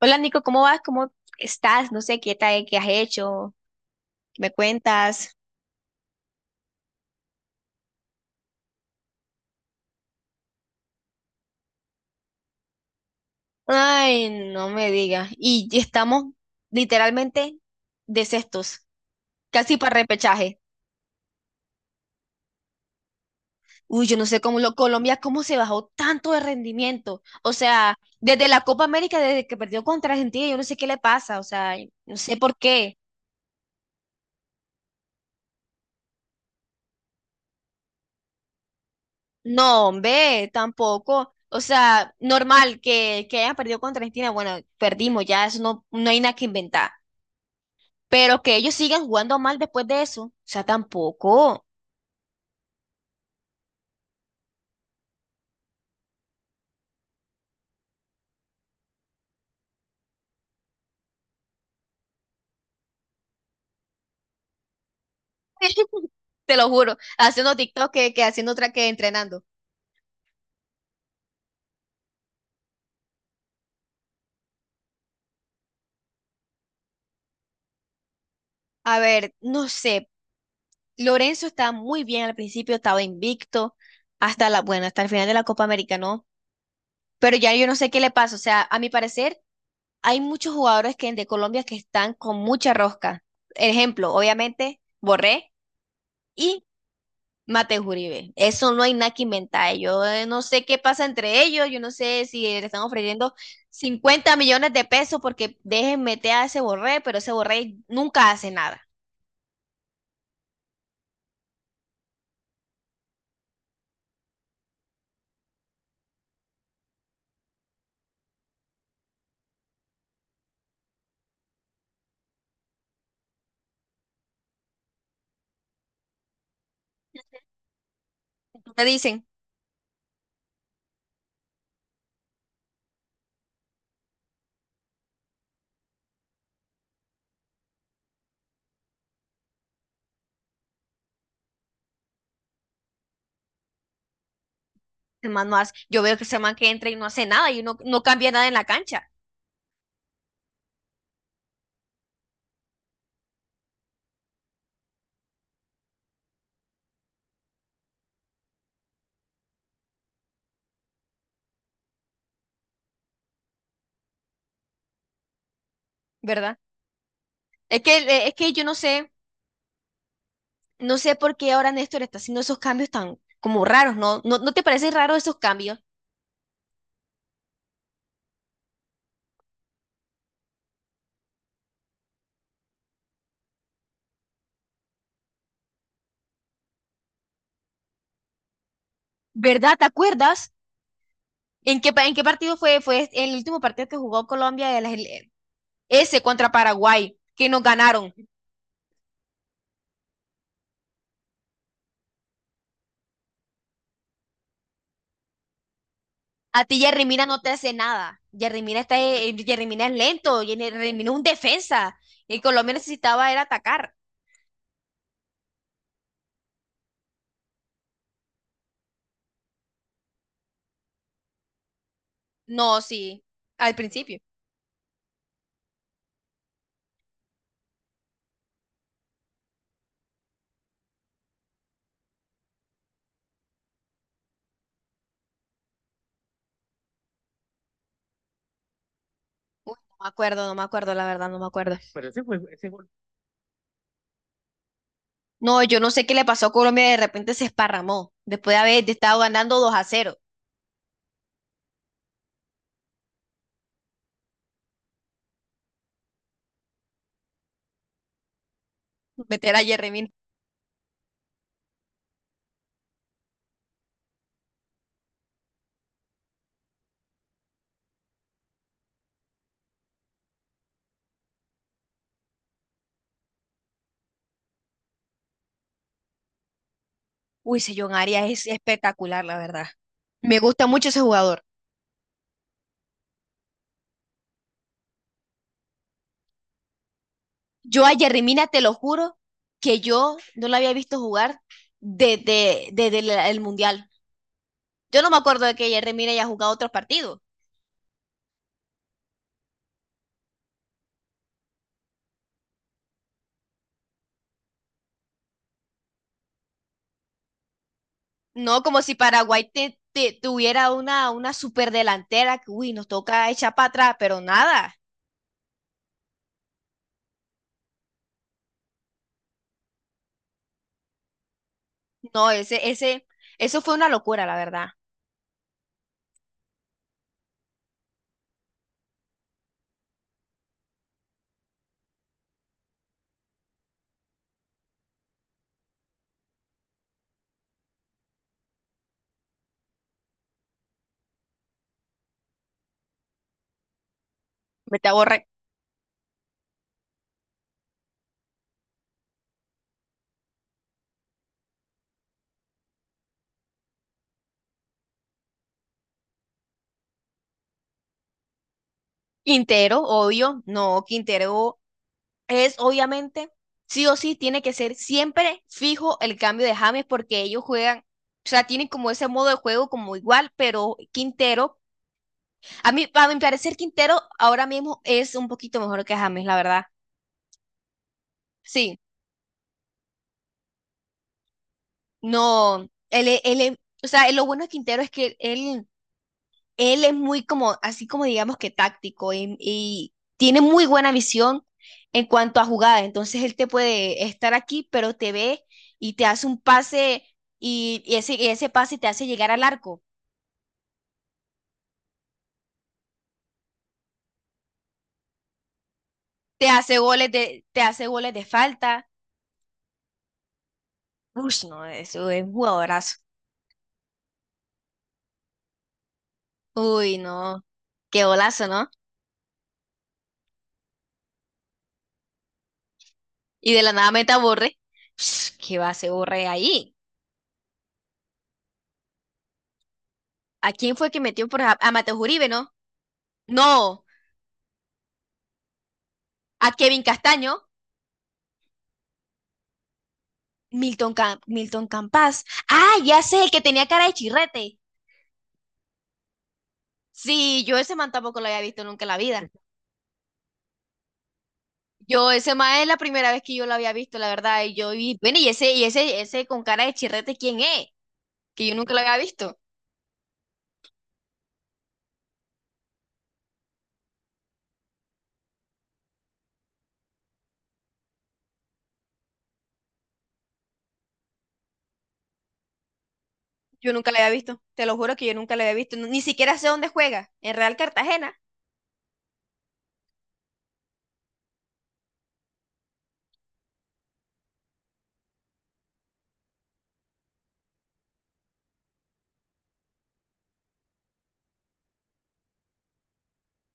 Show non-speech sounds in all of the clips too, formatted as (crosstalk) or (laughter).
Hola Nico, ¿cómo vas? ¿Cómo estás? No sé qué tal, qué has hecho. ¿Qué me cuentas? Ay, no me digas. Y ya estamos literalmente de sextos, casi para repechaje. Uy, yo no sé Colombia, cómo se bajó tanto de rendimiento. O sea, desde la Copa América, desde que perdió contra Argentina, yo no sé qué le pasa. O sea, no sé por qué. No, hombre, tampoco. O sea, normal que hayan perdido contra Argentina. Bueno, perdimos ya, eso no hay nada que inventar. Pero que ellos sigan jugando mal después de eso, o sea, tampoco. (laughs) Te lo juro, haciendo TikTok que haciendo otra que entrenando. A ver, no sé, Lorenzo estaba muy bien al principio, estaba invicto bueno, hasta el final de la Copa América, ¿no? Pero ya yo no sé qué le pasa, o sea, a mi parecer hay muchos jugadores que de Colombia que están con mucha rosca. Ejemplo, obviamente, Borré y Mate Uribe, eso no hay nada que inventar. Yo no sé qué pasa entre ellos, yo no sé si le están ofreciendo 50 millones de pesos porque dejen meter a ese Borré, pero ese Borré nunca hace nada. Te dicen, el man no hace, yo veo que ese man que entra y no hace nada y no cambia nada en la cancha, ¿verdad? Es que yo no sé, no sé por qué ahora Néstor está haciendo esos cambios tan como raros, ¿no? ¿No, no te parece raro esos cambios? ¿Verdad? ¿Te acuerdas? ¿En qué partido fue? Fue el último partido que jugó Colombia. Ese contra Paraguay, que nos ganaron. A ti Jerry Mina no te hace nada. Jerry Mina es lento, Jerry Mina es un defensa. Y Colombia necesitaba era atacar. No, sí, al principio. Uy, no me acuerdo, no me acuerdo, la verdad, no me acuerdo. No, yo no sé qué le pasó a Colombia, de repente se esparramó. Después de haber estado ganando 2-0 meter a Jerry Mina. Uy, ese John Arias es espectacular, la verdad. Me gusta mucho ese jugador. Yo a Jerry Mina, te lo juro, que yo no la había visto jugar desde el Mundial. Yo no me acuerdo de que Jerry Mina haya jugado otros partidos. No como si Paraguay tuviera una superdelantera que, uy, nos toca echar para atrás, pero nada. No, eso fue una locura, la verdad. Me te borrar. Quintero, obvio. No, Quintero es obviamente, sí o sí, tiene que ser siempre fijo el cambio de James porque ellos juegan, o sea, tienen como ese modo de juego como igual, pero Quintero, a mi parecer, Quintero ahora mismo es un poquito mejor que James, la verdad. Sí, no, o sea, lo bueno de Quintero es que él. Él es muy como, así como digamos que táctico y tiene muy buena visión en cuanto a jugada. Entonces él te puede estar aquí, pero te ve y te hace un pase y ese pase te hace llegar al arco. Te hace goles de falta. Uy, no, eso es un jugadorazo. Uy, no, qué golazo, ¿no? Y de la nada mete a Borre. Ush, ¿qué va a hacer Borre ahí? ¿A quién fue que metió por a Mateo Uribe, no? No, a Kevin Castaño. Milton Campas. Ah, ya sé, el que tenía cara de chirrete. Sí, yo ese man tampoco lo había visto nunca en la vida. Yo ese man es la primera vez que yo lo había visto, la verdad. Y yo vi, bueno, ese con cara de chirrete, ¿quién es? Que yo nunca lo había visto. Yo nunca lo había visto. Te lo juro que yo nunca lo había visto. Ni siquiera sé dónde juega. En Real Cartagena.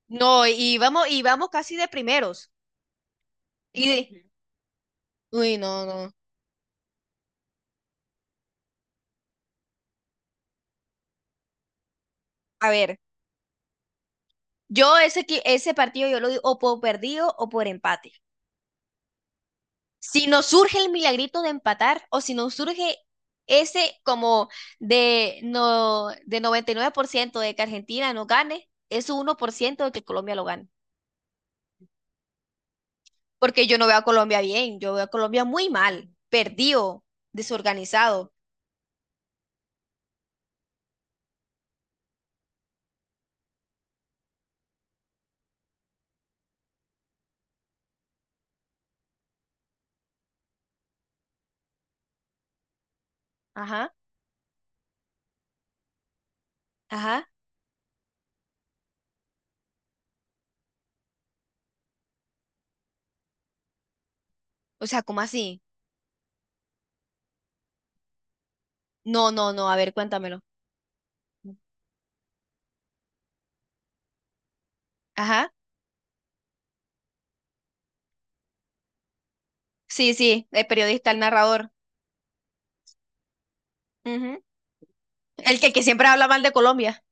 No, y vamos, casi de primeros. Y de- Uy, no, no. A ver, ese partido yo lo di o por perdido o por empate. Si nos surge el milagrito de empatar o si nos surge ese como de, no, de 99% de que Argentina no gane, es un 1% de que Colombia lo gane. Porque yo no veo a Colombia bien, yo veo a Colombia muy mal, perdido, desorganizado. Ajá, ajá. O sea, ¿cómo así? No, no, no, a ver, cuéntamelo. Ajá. Sí, sí, el periodista, el narrador. Ujú. El que siempre habla mal de Colombia.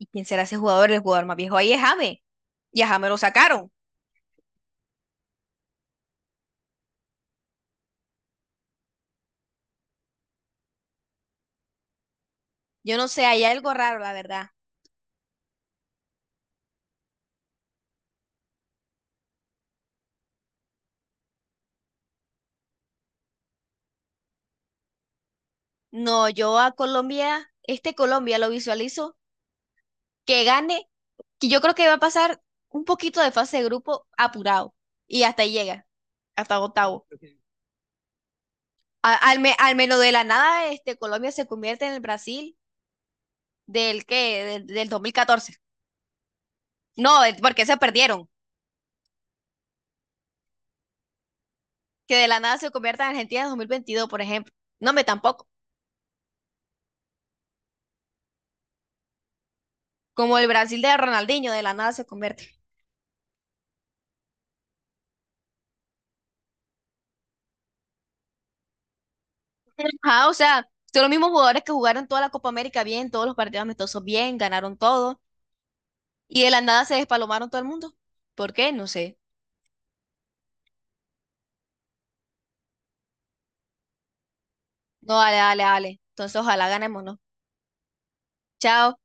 ¿Y quién será ese jugador? El jugador más viejo ahí es James. Y a James lo sacaron. Yo no sé, hay algo raro, la verdad. No, yo a Colombia, este Colombia lo visualizo que gane, que yo creo que va a pasar un poquito de fase de grupo apurado y hasta ahí llega, hasta octavo. Al menos de la nada, este Colombia se convierte en el Brasil del 2014. No, porque se perdieron. Que de la nada se convierta en Argentina en 2022 por ejemplo. No, me tampoco. Como el Brasil de Ronaldinho, de la nada se convierte. Ajá, o sea, son los mismos jugadores que jugaron toda la Copa América bien, todos los partidos amistosos bien, ganaron todo, y de la nada se despalomaron todo el mundo. ¿Por qué? No sé. No, dale, dale, dale. Entonces, ojalá ganemos, ¿no? Chao.